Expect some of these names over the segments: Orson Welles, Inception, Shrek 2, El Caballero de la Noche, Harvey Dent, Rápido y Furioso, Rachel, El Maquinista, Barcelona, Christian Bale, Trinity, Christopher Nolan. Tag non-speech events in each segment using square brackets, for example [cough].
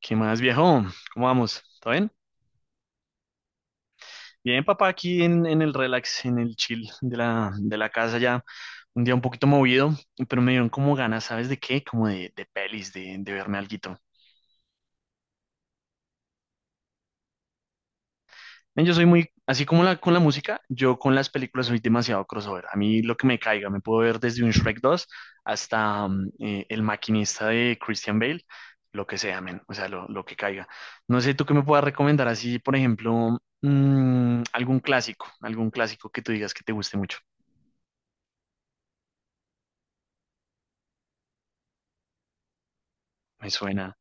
¿Qué más, viejo? ¿Cómo vamos? ¿Todo bien? Bien, papá, aquí en el relax, en el chill de la casa ya. Un día un poquito movido, pero me dieron como ganas, ¿sabes de qué? Como de pelis, de verme algo. Men, yo soy muy, así como con la música, yo con las películas soy demasiado crossover. A mí lo que me caiga, me puedo ver desde un Shrek 2 hasta El Maquinista de Christian Bale, lo que sea, men, o sea, lo que caiga. No sé, tú qué me puedas recomendar así, por ejemplo, algún clásico que tú digas que te guste mucho. Me suena,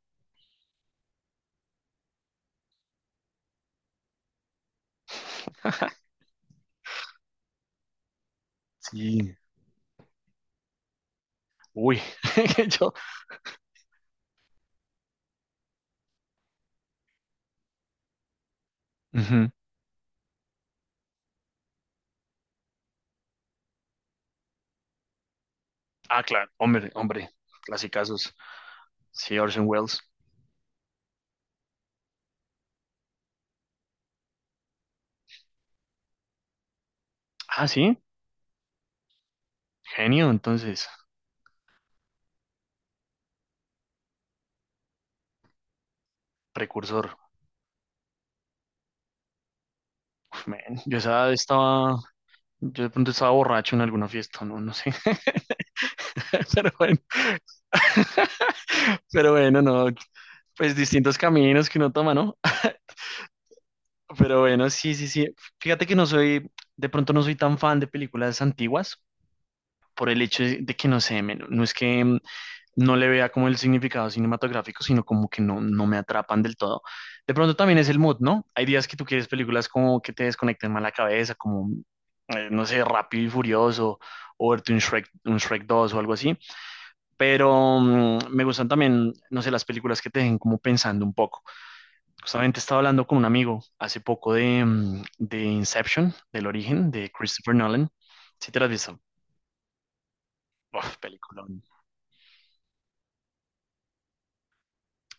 sí, uy, [laughs] yo, ujú. Ah, claro, hombre, hombre, clasicazos. Sí, Orson Welles. Ah, sí, genio, entonces, precursor. Men, yo de pronto estaba borracho en alguna fiesta, no, no sé. [laughs] Pero bueno. [laughs] Pero bueno, no. Pues distintos caminos que uno toma, ¿no? [laughs] Pero bueno, sí, sí, sí. Fíjate que de pronto no soy tan fan de películas antiguas por el hecho de que no sé, men, no es que no le vea como el significado cinematográfico, sino como que no me atrapan del todo. De pronto también es el mood, ¿no? Hay días que tú quieres películas como que te desconecten más la cabeza, como, no sé, Rápido y Furioso, o verte un Shrek dos o algo así. Pero me gustan también, no sé, las películas que te dejen como pensando un poco. Justamente estaba hablando con un amigo hace poco de Inception, del origen, de Christopher Nolan. Si te lo has visto. Uf, película.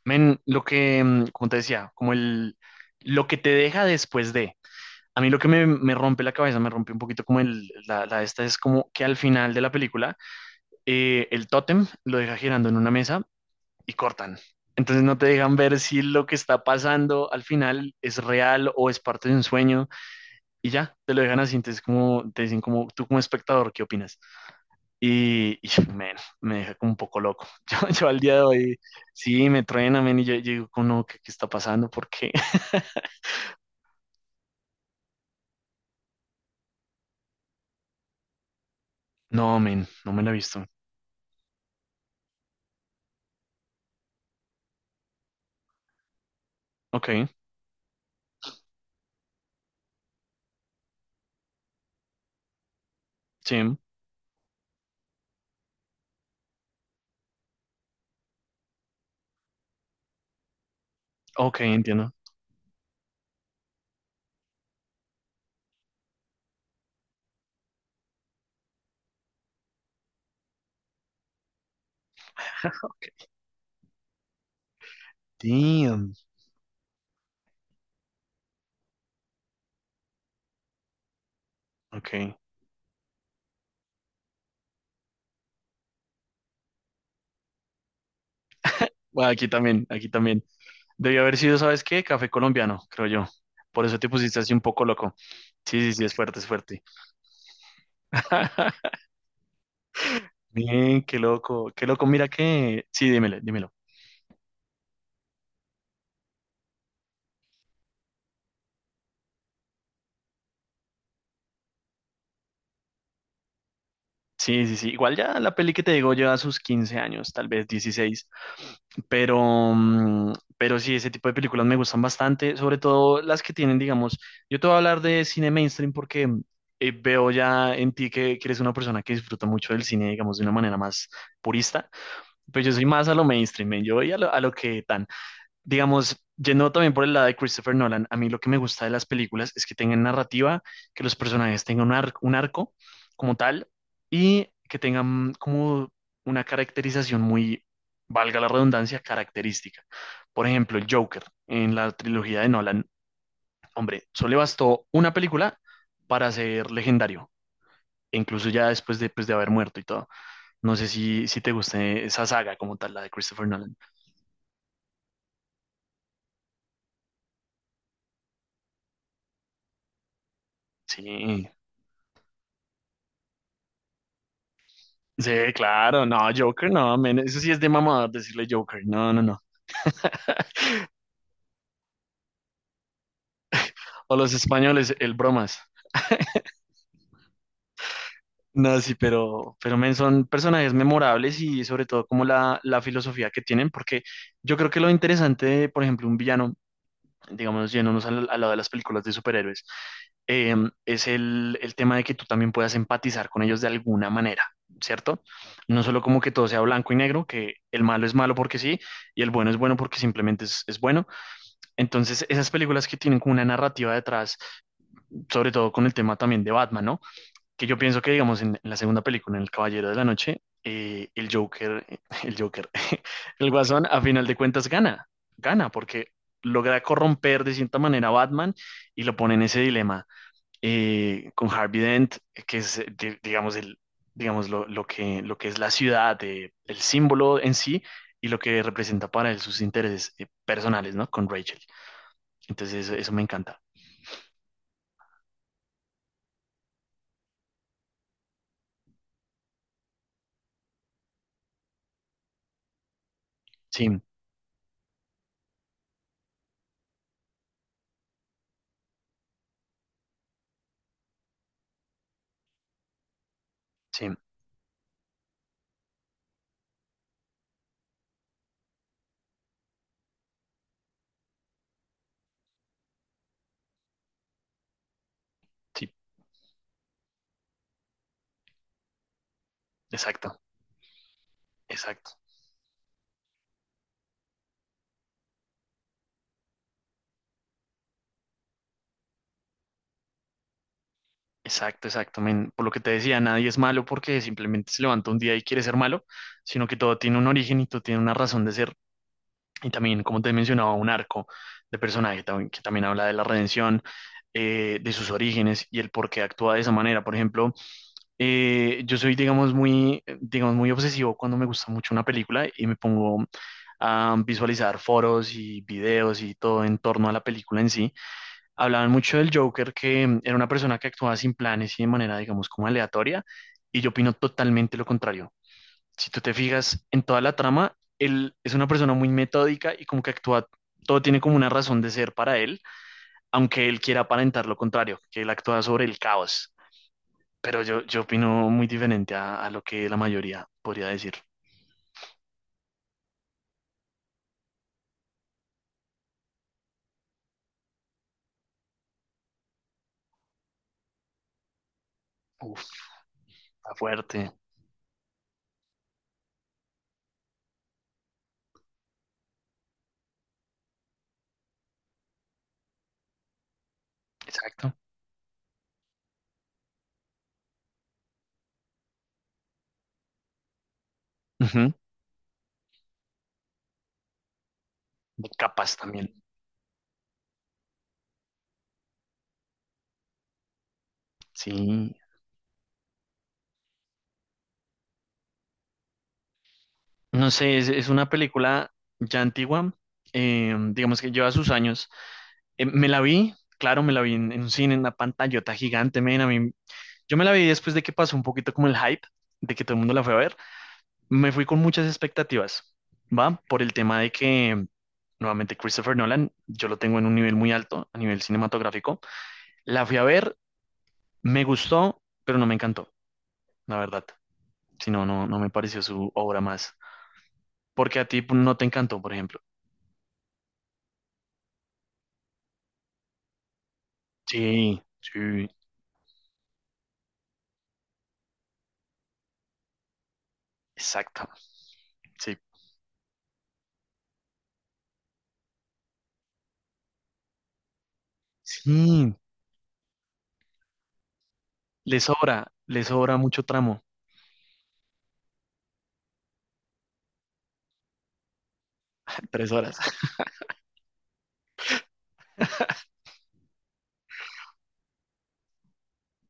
Men, lo que, como te decía, lo que te deja después de. A mí lo que me rompe la cabeza, me rompe un poquito como el, la esta, es como que al final de la película, el tótem lo deja girando en una mesa y cortan. Entonces no te dejan ver si lo que está pasando al final es real o es parte de un sueño y ya, te lo dejan así. Entonces como, te dicen como, tú como espectador, ¿qué opinas? Y [laughs] men, me deja como un poco loco. [laughs] Yo al día de hoy, sí, me truena, men, y yo digo, como, no, ¿qué está pasando? ¿Por qué? [laughs] No, men, no me la he visto. Ok, sí, ok, entiendo. Damn, ok. Bueno, aquí también, aquí también. Debió haber sido, ¿sabes qué? Café colombiano, creo yo. Por eso te pusiste así un poco loco. Sí, sí, sí, es fuerte, es fuerte. [laughs] Bien, qué loco, qué loco. Mira que, sí, dímelo, dímelo. Sí, sí, sí. Igual ya la peli que te digo lleva sus 15 años, tal vez 16, Pero, mm, pero sí, ese tipo de películas me gustan bastante, sobre todo las que tienen, digamos, yo te voy a hablar de cine mainstream porque veo ya en ti que eres una persona que disfruta mucho del cine, digamos, de una manera más purista, pero yo soy más a lo mainstream, men, yo voy a lo, que tan digamos, yendo también por el lado de Christopher Nolan, a mí lo que me gusta de las películas es que tengan narrativa, que los personajes tengan un arco como tal y que tengan como una caracterización muy, valga la redundancia, característica. Por ejemplo, el Joker en la trilogía de Nolan, hombre, solo le bastó una película para ser legendario. E incluso ya después de, pues, de haber muerto y todo. No sé si te guste esa saga como tal, la de Christopher Nolan. Sí. Sí, claro, no, Joker, no, men, eso sí es de mamador decirle Joker, no, no, no. O los españoles, el bromas. No, sí, pero, men, son personajes memorables y sobre todo como la filosofía que tienen, porque yo creo que lo interesante de, por ejemplo, un villano, digamos, yéndonos al, lado de las películas de superhéroes, eh, es el tema de que tú también puedas empatizar con ellos de alguna manera, ¿cierto? No solo como que todo sea blanco y negro, que el malo es malo porque sí y el bueno es bueno porque simplemente es, bueno. Entonces, esas películas que tienen como una narrativa detrás, sobre todo con el tema también de Batman, ¿no? Que yo pienso que, digamos, en la segunda película, en El Caballero de la Noche, el Joker, [laughs] el Guasón, a final de cuentas gana, gana, porque logra corromper de cierta manera a Batman y lo pone en ese dilema, con Harvey Dent, que es, digamos, lo que es la ciudad, el símbolo en sí y lo que representa para él sus intereses, personales, ¿no? Con Rachel. Entonces eso me encanta. Sí, sí, sí, exacto, exacto, exacto, exacto. Men. Por lo que te decía, nadie es malo porque simplemente se levanta un día y quiere ser malo, sino que todo tiene un origen y todo tiene una razón de ser. Y también, como te mencionaba, un arco de personaje que también habla de la redención, de sus orígenes y el por qué actúa de esa manera. Por ejemplo, yo soy, digamos, muy obsesivo cuando me gusta mucho una película y me pongo a visualizar foros y videos y todo en torno a la película en sí. Hablaban mucho del Joker, que era una persona que actuaba sin planes y de manera, digamos, como aleatoria, y yo opino totalmente lo contrario. Si tú te fijas en toda la trama, él es una persona muy metódica y como que actúa, todo tiene como una razón de ser para él, aunque él quiera aparentar lo contrario, que él actúa sobre el caos. Pero yo opino muy diferente a lo que la mayoría podría decir. Uf, está fuerte. Exacto. Ujú. De capas también. Sí. No sé, es, una película ya antigua, digamos que lleva sus años. Me la vi, claro, me la vi en un cine, en una pantallota gigante, men, yo me la vi después de que pasó un poquito como el hype, de que todo el mundo la fue a ver. Me fui con muchas expectativas, ¿va? Por el tema de que, nuevamente, Christopher Nolan, yo lo tengo en un nivel muy alto a nivel cinematográfico. La fui a ver, me gustó, pero no me encantó, la verdad. Si no, no me pareció su obra más. Porque a ti no te encantó, por ejemplo. Sí, sí, exacto. Sí, sí, le sobra mucho tramo. [laughs] Tres horas. [laughs]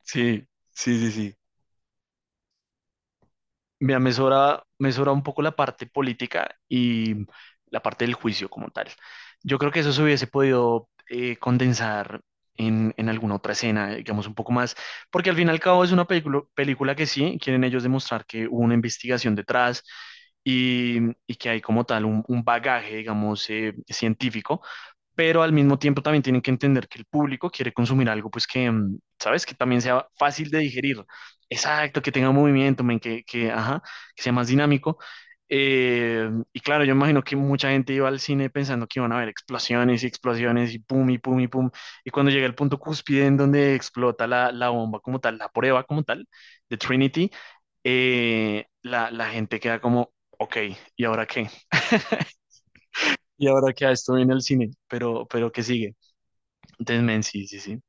Sí, sí, sí, sí. Mira, me sobra un poco la parte política y la parte del juicio como tal. Yo creo que eso se hubiese podido, condensar en, alguna otra escena, digamos un poco más, porque al fin y al cabo es una película, película que sí, quieren ellos demostrar que hubo una investigación detrás y, y que hay como tal un bagaje, digamos, científico, pero al mismo tiempo también tienen que entender que el público quiere consumir algo, pues ¿sabes? Que también sea fácil de digerir. Exacto, que tenga movimiento, men, que, ajá, que sea más dinámico. Y claro, yo imagino que mucha gente iba al cine pensando que iban a haber explosiones y explosiones y pum y pum y pum. Y cuando llega el punto cúspide en donde explota la, la, bomba como tal, la prueba como tal de Trinity, la gente queda como, ok, ¿y ahora qué? ¿Y ahora qué? A esto viene el cine, pero ¿qué sigue? Desmen, sí, sí, sí.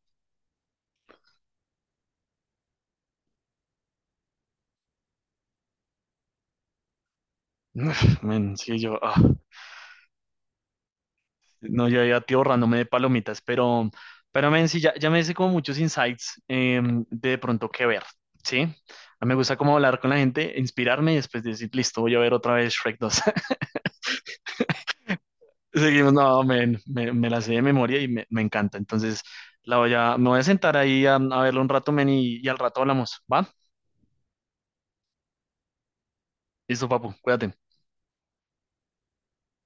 [laughs] Men, sí, no, yo ya tío ahorrándome de palomitas, pero men, sí, ya me hice como muchos insights, de pronto qué ver, ¿sí? A mí me gusta como hablar con la gente, inspirarme y después decir, listo, voy a ver otra vez Shrek 2. [laughs] Seguimos, no, men, me la sé de memoria y me encanta. Entonces, me voy a sentar ahí a verlo un rato, men, y al rato hablamos, ¿va? Listo, papu, cuídate.